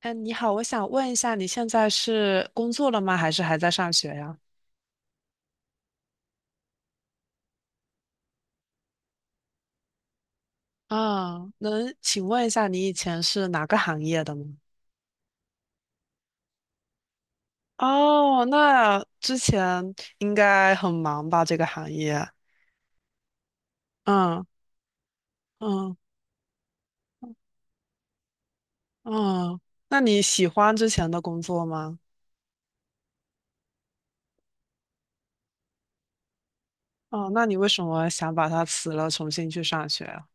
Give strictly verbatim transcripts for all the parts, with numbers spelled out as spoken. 嗯，你好，我想问一下，你现在是工作了吗？还是还在上学呀？啊，能请问一下，你以前是哪个行业的吗？哦，那之前应该很忙吧，这个行业。嗯嗯嗯。那你喜欢之前的工作吗？哦，那你为什么想把它辞了，重新去上学啊？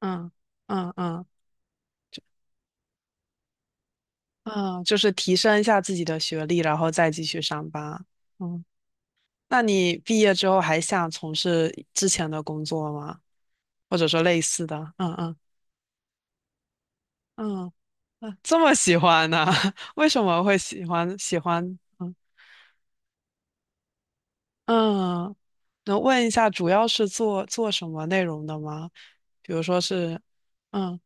嗯嗯嗯嗯。就是提升一下自己的学历，然后再继续上班。嗯。那你毕业之后还想从事之前的工作吗？或者说类似的？嗯嗯嗯嗯。这么喜欢呢？为什么会喜欢喜欢？嗯嗯。能问一下主要是做做什么内容的吗？比如说是，嗯，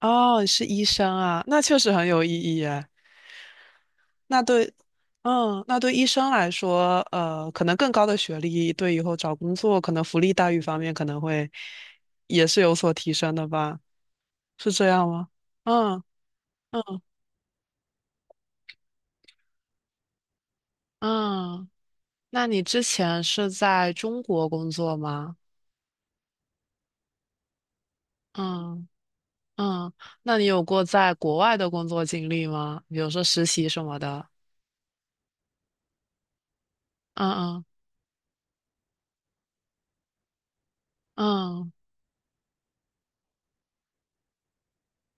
哦，是医生啊，那确实很有意义耶。那对，嗯，那对医生来说，呃，可能更高的学历对以后找工作，可能福利待遇方面可能会也是有所提升的吧？是这样吗？嗯嗯嗯。那你之前是在中国工作吗？嗯嗯。那你有过在国外的工作经历吗？比如说实习什么的？嗯嗯嗯。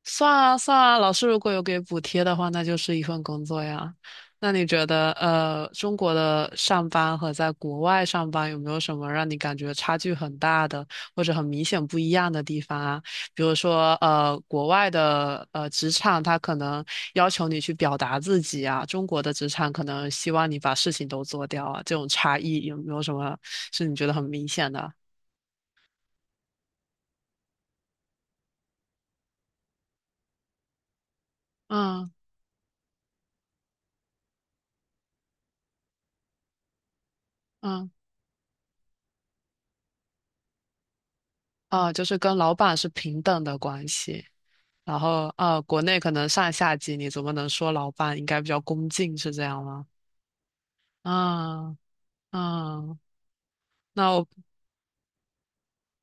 算啊算啊，老师如果有给补贴的话，那就是一份工作呀。那你觉得，呃，中国的上班和在国外上班有没有什么让你感觉差距很大的，或者很明显不一样的地方啊？比如说，呃，国外的呃职场，它可能要求你去表达自己啊，中国的职场可能希望你把事情都做掉啊，这种差异有没有什么是你觉得很明显的？嗯嗯。啊，就是跟老板是平等的关系。然后呃，国内可能上下级你怎么能说老板应该比较恭敬是这样吗？啊啊。那我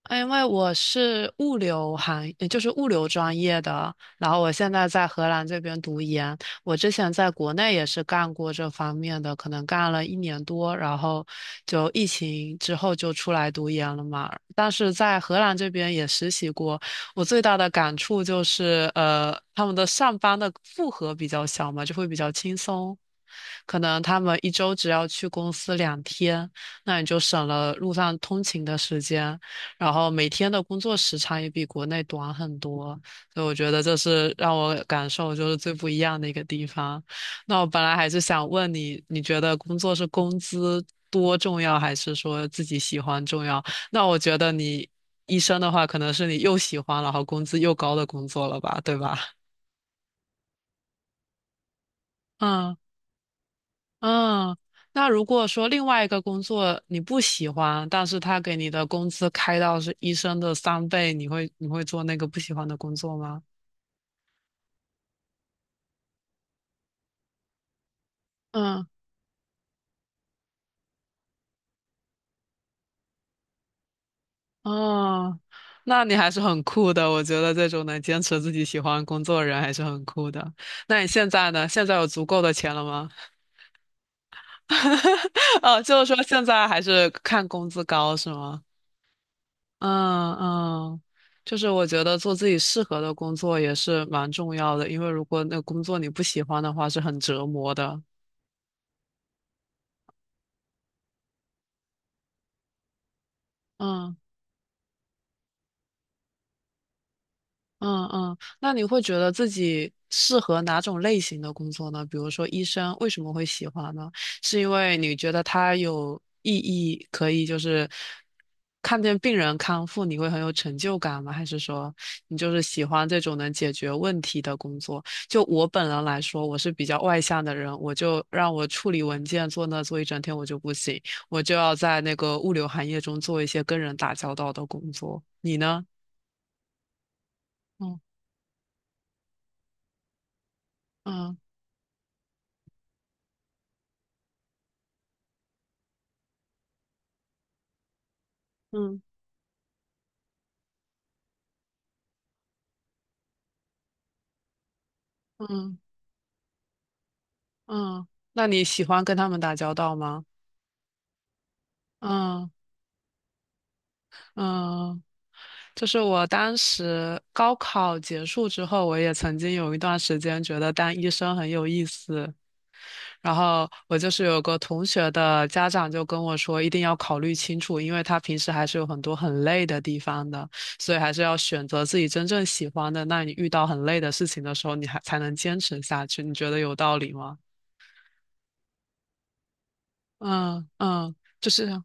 因为我是物流行，呃就是物流专业的，然后我现在在荷兰这边读研。我之前在国内也是干过这方面的，可能干了一年多，然后就疫情之后就出来读研了嘛。但是在荷兰这边也实习过，我最大的感触就是，呃，他们的上班的负荷比较小嘛，就会比较轻松。可能他们一周只要去公司两天，那你就省了路上通勤的时间。然后每天的工作时长也比国内短很多，所以我觉得这是让我感受就是最不一样的一个地方。那我本来还是想问你，你觉得工作是工资多重要，还是说自己喜欢重要？那我觉得你医生的话，可能是你又喜欢，然后工资又高的工作了吧，对吧？嗯嗯。那如果说另外一个工作你不喜欢，但是他给你的工资开到是医生的三倍，你会你会做那个不喜欢的工作吗？嗯，哦，那你还是很酷的。我觉得这种能坚持自己喜欢的工作的人还是很酷的。那你现在呢？现在有足够的钱了吗？哦，就是说现在还是看工资高是吗？嗯嗯。就是我觉得做自己适合的工作也是蛮重要的，因为如果那个工作你不喜欢的话，是很折磨的。嗯。嗯嗯。那你会觉得自己适合哪种类型的工作呢？比如说医生，为什么会喜欢呢？是因为你觉得它有意义，可以就是看见病人康复，你会很有成就感吗？还是说你就是喜欢这种能解决问题的工作？就我本人来说，我是比较外向的人，我就让我处理文件坐那坐一整天，我就不行，我就要在那个物流行业中做一些跟人打交道的工作。你呢？嗯嗯。嗯嗯嗯。那你喜欢跟他们打交道吗？嗯嗯。就是我当时高考结束之后，我也曾经有一段时间觉得当医生很有意思，然后我就是有个同学的家长就跟我说，一定要考虑清楚，因为他平时还是有很多很累的地方的，所以还是要选择自己真正喜欢的。那你遇到很累的事情的时候，你还才能坚持下去。你觉得有道理吗？嗯嗯，就是。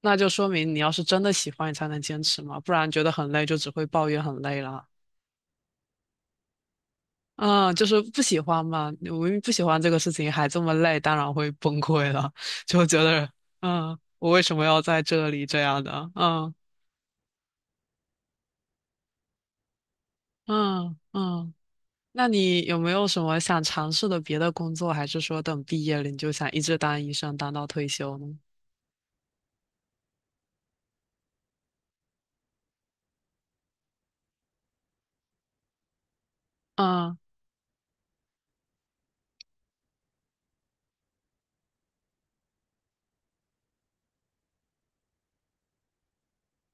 那就说明你要是真的喜欢，你才能坚持嘛，不然觉得很累，就只会抱怨很累了。嗯，就是不喜欢嘛，我明明不喜欢这个事情，还这么累，当然会崩溃了，就觉得，嗯，我为什么要在这里这样的？嗯嗯嗯。那你有没有什么想尝试的别的工作，还是说等毕业了你就想一直当医生，当到退休呢？嗯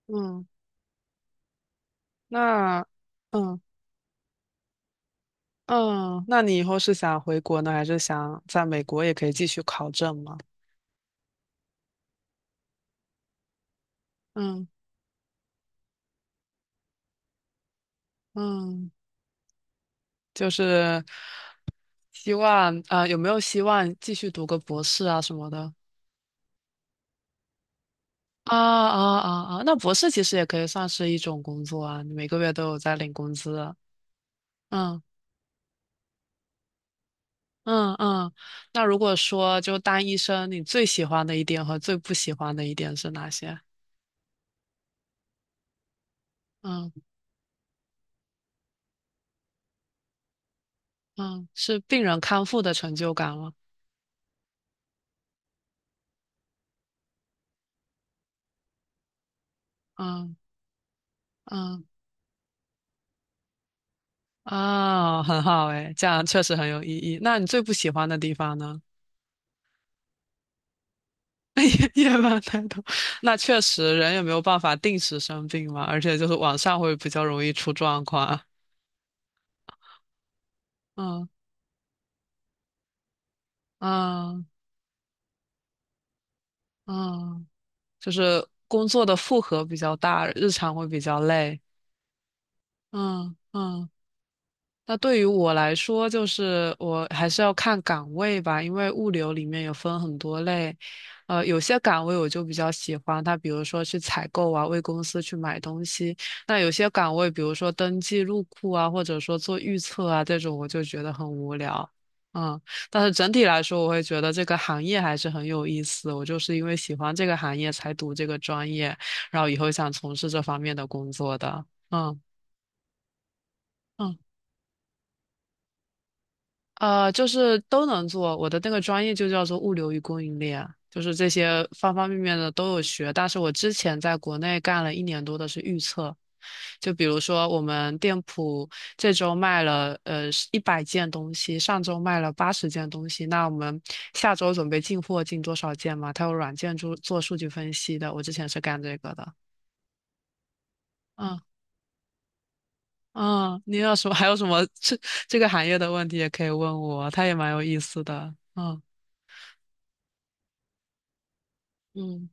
嗯。那嗯嗯。那你以后是想回国呢，还是想在美国也可以继续考证吗？嗯嗯。就是希望啊、呃有没有希望继续读个博士啊什么的？啊啊啊啊！那博士其实也可以算是一种工作啊，你每个月都有在领工资。嗯嗯嗯。那如果说就当医生，你最喜欢的一点和最不喜欢的一点是哪些？嗯嗯。是病人康复的成就感吗？嗯嗯。啊，很好诶，这样确实很有意义。那你最不喜欢的地方呢？夜班太多，那确实人也没有办法定时生病嘛，而且就是晚上会比较容易出状况。嗯嗯嗯。就是工作的负荷比较大，日常会比较累。嗯嗯。那对于我来说，就是我还是要看岗位吧，因为物流里面有分很多类，呃，有些岗位我就比较喜欢它，比如说去采购啊，为公司去买东西；那有些岗位，比如说登记入库啊，或者说做预测啊，这种我就觉得很无聊。嗯，但是整体来说，我会觉得这个行业还是很有意思。我就是因为喜欢这个行业才读这个专业，然后以后想从事这方面的工作的。嗯。嗯。呃，就是都能做。我的那个专业就叫做物流与供应链，就是这些方方面面的都有学。但是我之前在国内干了一年多的是预测，就比如说我们店铺这周卖了呃一百件东西，上周卖了八十件东西，那我们下周准备进货进多少件嘛？它有软件做做数据分析的，我之前是干这个的。嗯嗯。你有什么 还有什么这这个行业的问题也可以问我，他也蛮有意思的。嗯嗯。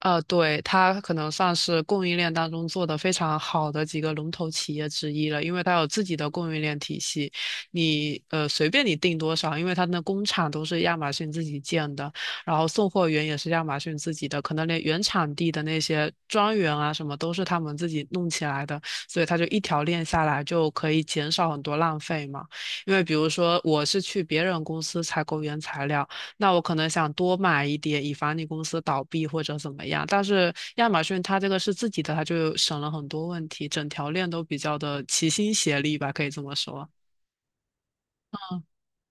呃，对，它可能算是供应链当中做的非常好的几个龙头企业之一了，因为它有自己的供应链体系，你呃随便你订多少，因为它的工厂都是亚马逊自己建的，然后送货员也是亚马逊自己的，可能连原产地的那些庄园啊什么都是他们自己弄起来的，所以它就一条链下来就可以减少很多浪费嘛。因为比如说我是去别人公司采购原材料。那我可能想多买一点，以防你公司倒闭或者怎么样。但是亚马逊它这个是自己的，它就省了很多问题，整条链都比较的齐心协力吧，可以这么说。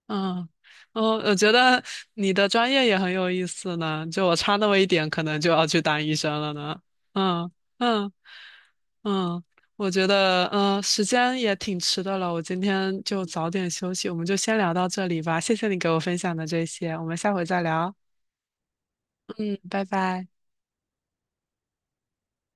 嗯，哦，我觉得你的专业也很有意思呢，就我差那么一点，可能就要去当医生了呢。嗯嗯嗯。我觉得嗯，时间也挺迟的了，我今天就早点休息，我们就先聊到这里吧。谢谢你给我分享的这些，我们下回再聊。嗯，拜拜。